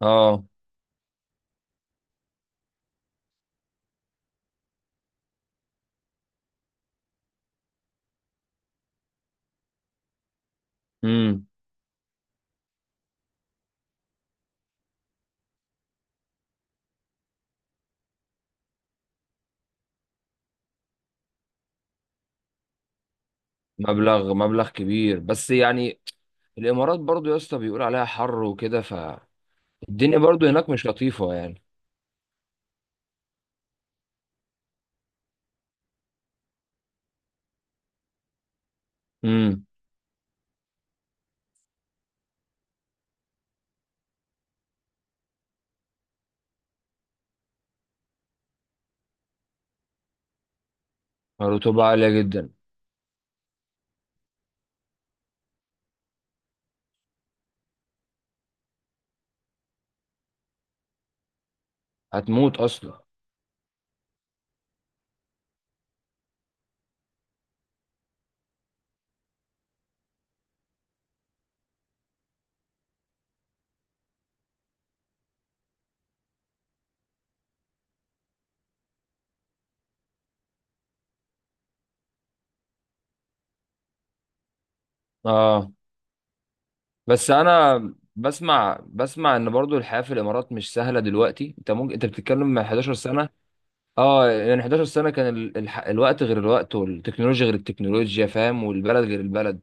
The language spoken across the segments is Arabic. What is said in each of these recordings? اه، امم مبلغ مبلغ كبير، بس يعني الامارات برضو يا اسطى بيقول عليها حر وكده. فالدنيا برضو هناك مش لطيفه يعني. امم الرطوبه عاليه جدا. هتموت اصلا. اه، بس انا بسمع ان برضو الحياه في الامارات مش سهله دلوقتي. انت ممكن بتتكلم من 11 سنه. اه يعني 11 سنة كان الوقت غير الوقت، والتكنولوجيا غير التكنولوجيا فاهم، والبلد غير البلد.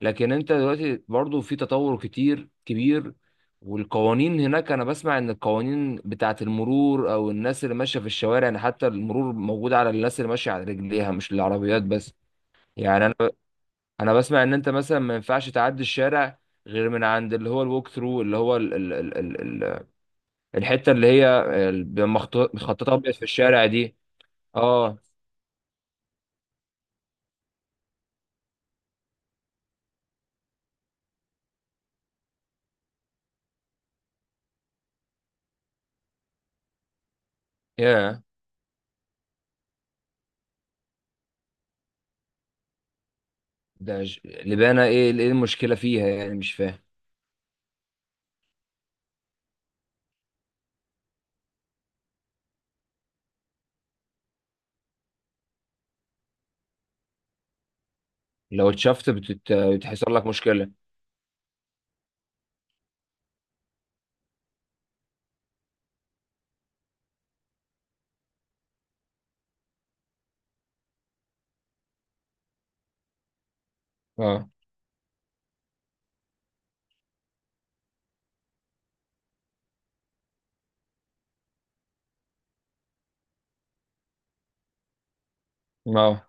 لكن انت دلوقتي برضو في تطور كتير كبير، والقوانين هناك. انا بسمع ان القوانين بتاعة المرور او الناس اللي ماشية في الشوارع، يعني حتى المرور موجود على الناس اللي ماشية على رجليها مش العربيات بس. يعني انا بسمع ان انت مثلا ما ينفعش تعدي الشارع غير من عند اللي هو الووك ثرو، اللي هو ال ال ال ال الحتة اللي هي مخططة ابيض في الشارع دي. اه. يا ده لبانة، ايه ايه المشكلة فيها يعني؟ مش فاهم. لو اتشفت بتحصل لك مشكلة. اه، اه.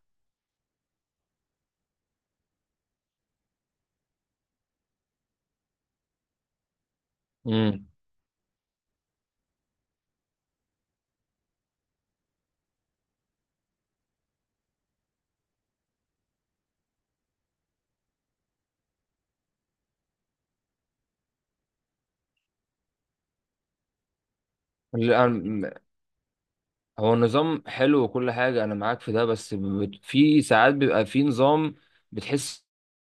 امم هو النظام حلو وكل حاجة، أنا معاك في ده. بس في ساعات بيبقى في نظام بتحس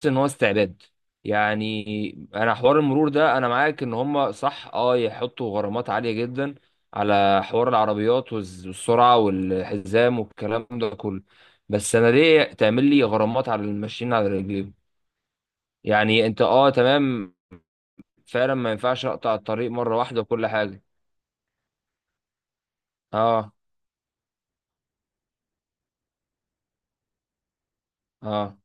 إن هو استعباد. يعني أنا حوار المرور ده، أنا معاك إن هما صح، أه يحطوا غرامات عالية جدا على حوار العربيات والسرعة والحزام والكلام ده كله. بس أنا ليه تعمل لي غرامات على الماشيين على رجليهم؟ يعني أنت أه تمام، فعلا ما ينفعش أقطع الطريق مرة واحدة وكل حاجة. أه، أه،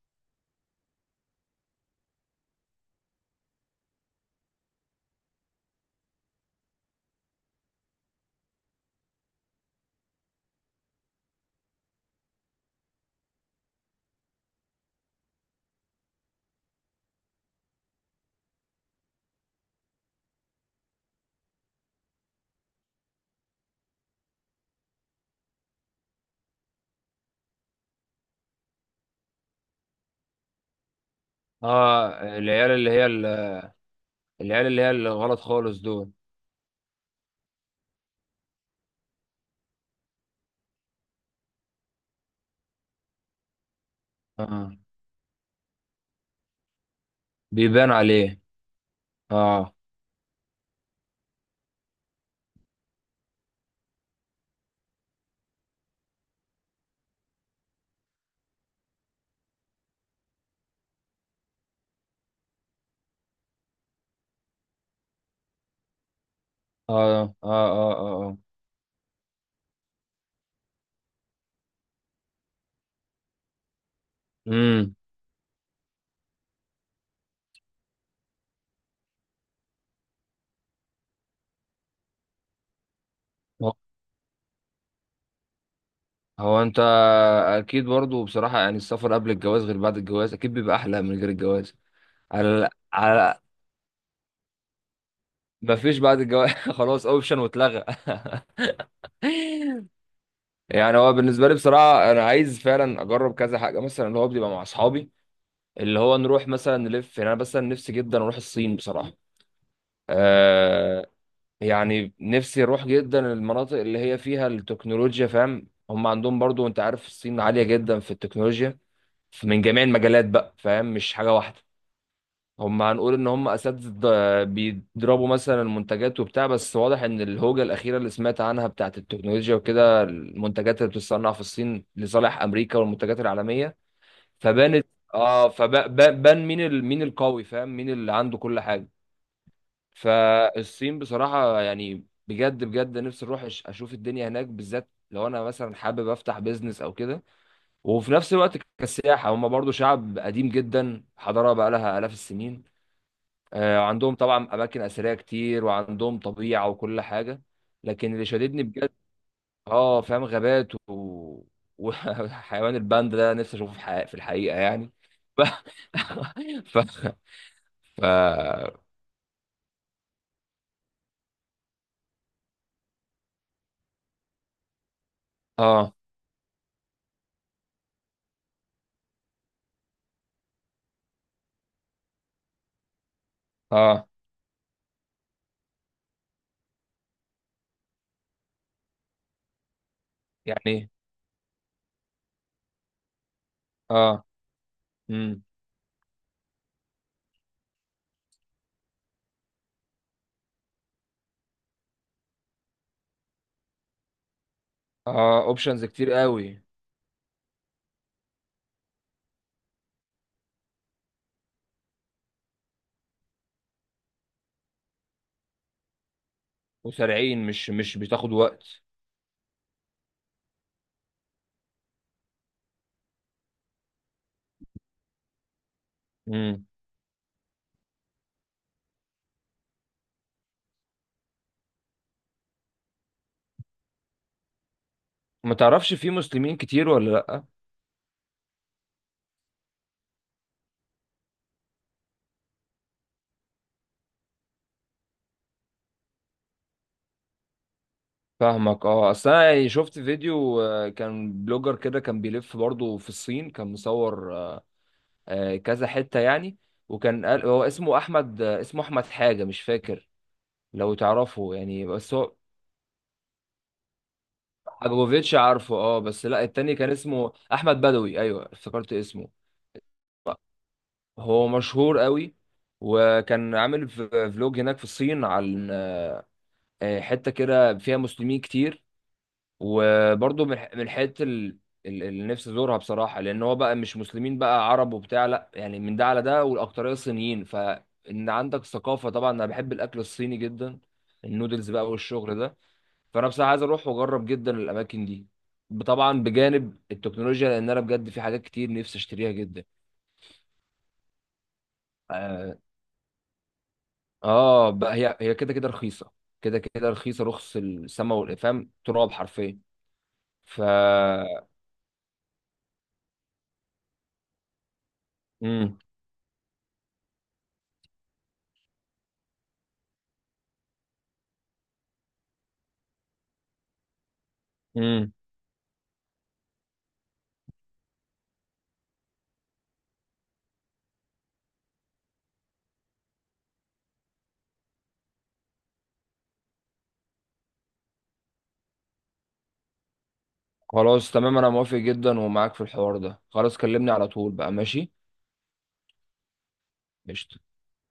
اه. العيال اللي هي العيال اللي هي اللي غلط خالص دول. اه، بيبان عليه. اه، اه، اه، اه، اه، آه. امم هو هو انت اكيد برضو. بصراحة يعني السفر قبل الجواز غير بعد الجواز، اكيد بيبقى احلى من غير الجواز. على على ما فيش بعد الجواز خلاص، اوبشن واتلغى يعني هو بالنسبة لي بصراحة انا عايز فعلا اجرب كذا حاجة، مثلا اللي هو بيبقى مع اصحابي، اللي هو نروح مثلا نلف. يعني انا مثلا نفسي جدا اروح الصين بصراحة. آه. يعني نفسي اروح جدا المناطق اللي هي فيها التكنولوجيا فاهم. هم عندهم برضو، انت عارف الصين عالية جدا في التكنولوجيا من جميع المجالات بقى، فاهم، مش حاجة واحدة. هم هنقول ان هم اساتذة، بيضربوا مثلا المنتجات وبتاع. بس واضح ان الهوجة الاخيرة اللي سمعت عنها بتاعت التكنولوجيا وكده، المنتجات اللي بتتصنع في الصين لصالح امريكا والمنتجات العالمية، فبانت اه فبان مين مين القوي فاهم، مين اللي عنده كل حاجة. فالصين بصراحة يعني بجد بجد نفسي اروح اشوف الدنيا هناك، بالذات لو انا مثلا حابب افتح بيزنس او كده. وفي نفس الوقت كسياحة، هم برضو شعب قديم جدا، حضارة بقى لها آلاف السنين. عندهم طبعا اماكن اثرية كتير وعندهم طبيعة وكل حاجة. لكن اللي شددني بجد، اه فاهم، غابات وحيوان الباندا ده نفسي اشوفه في الحقيقة، في الحقيقة يعني. ف... ف... ف... اه، اه يعني، اه، مم. اه، اوبشنز كتير قوي، وسريعين مش بتاخد وقت. امم ما تعرفش في مسلمين كتير ولا لا؟ فاهمك اه. اصل انا يعني شفت فيديو، كان بلوجر كده كان بيلف برضه في الصين، كان مصور، كذا حتة يعني. وكان قال هو اسمه احمد، اسمه احمد حاجة مش فاكر لو تعرفه يعني. بس هو حاجوفيتش عارفه اه. بس لا، التاني كان اسمه احمد بدوي، ايوه افتكرت اسمه. هو مشهور قوي. وكان عامل فلوج هناك في الصين عن حته كده فيها مسلمين كتير. وبرضه من من الحته اللي نفسي ازورها بصراحه. لان هو بقى مش مسلمين بقى، عرب وبتاع لا، يعني من ده على ده والاكتريه صينيين. فان عندك ثقافه. طبعا انا بحب الاكل الصيني جدا، النودلز بقى والشغل ده. فانا بصراحه عايز اروح واجرب جدا الاماكن دي، طبعا بجانب التكنولوجيا، لان انا بجد في حاجات كتير نفسي اشتريها جدا. اه، بقى هي كده كده رخيصه، كده كده رخيصه، رخص السما والافهام تراب حرفيا. ف امم امم خلاص تمام، انا موافق جدا ومعاك في الحوار ده. خلاص كلمني على طول بقى، ماشي، قشطة.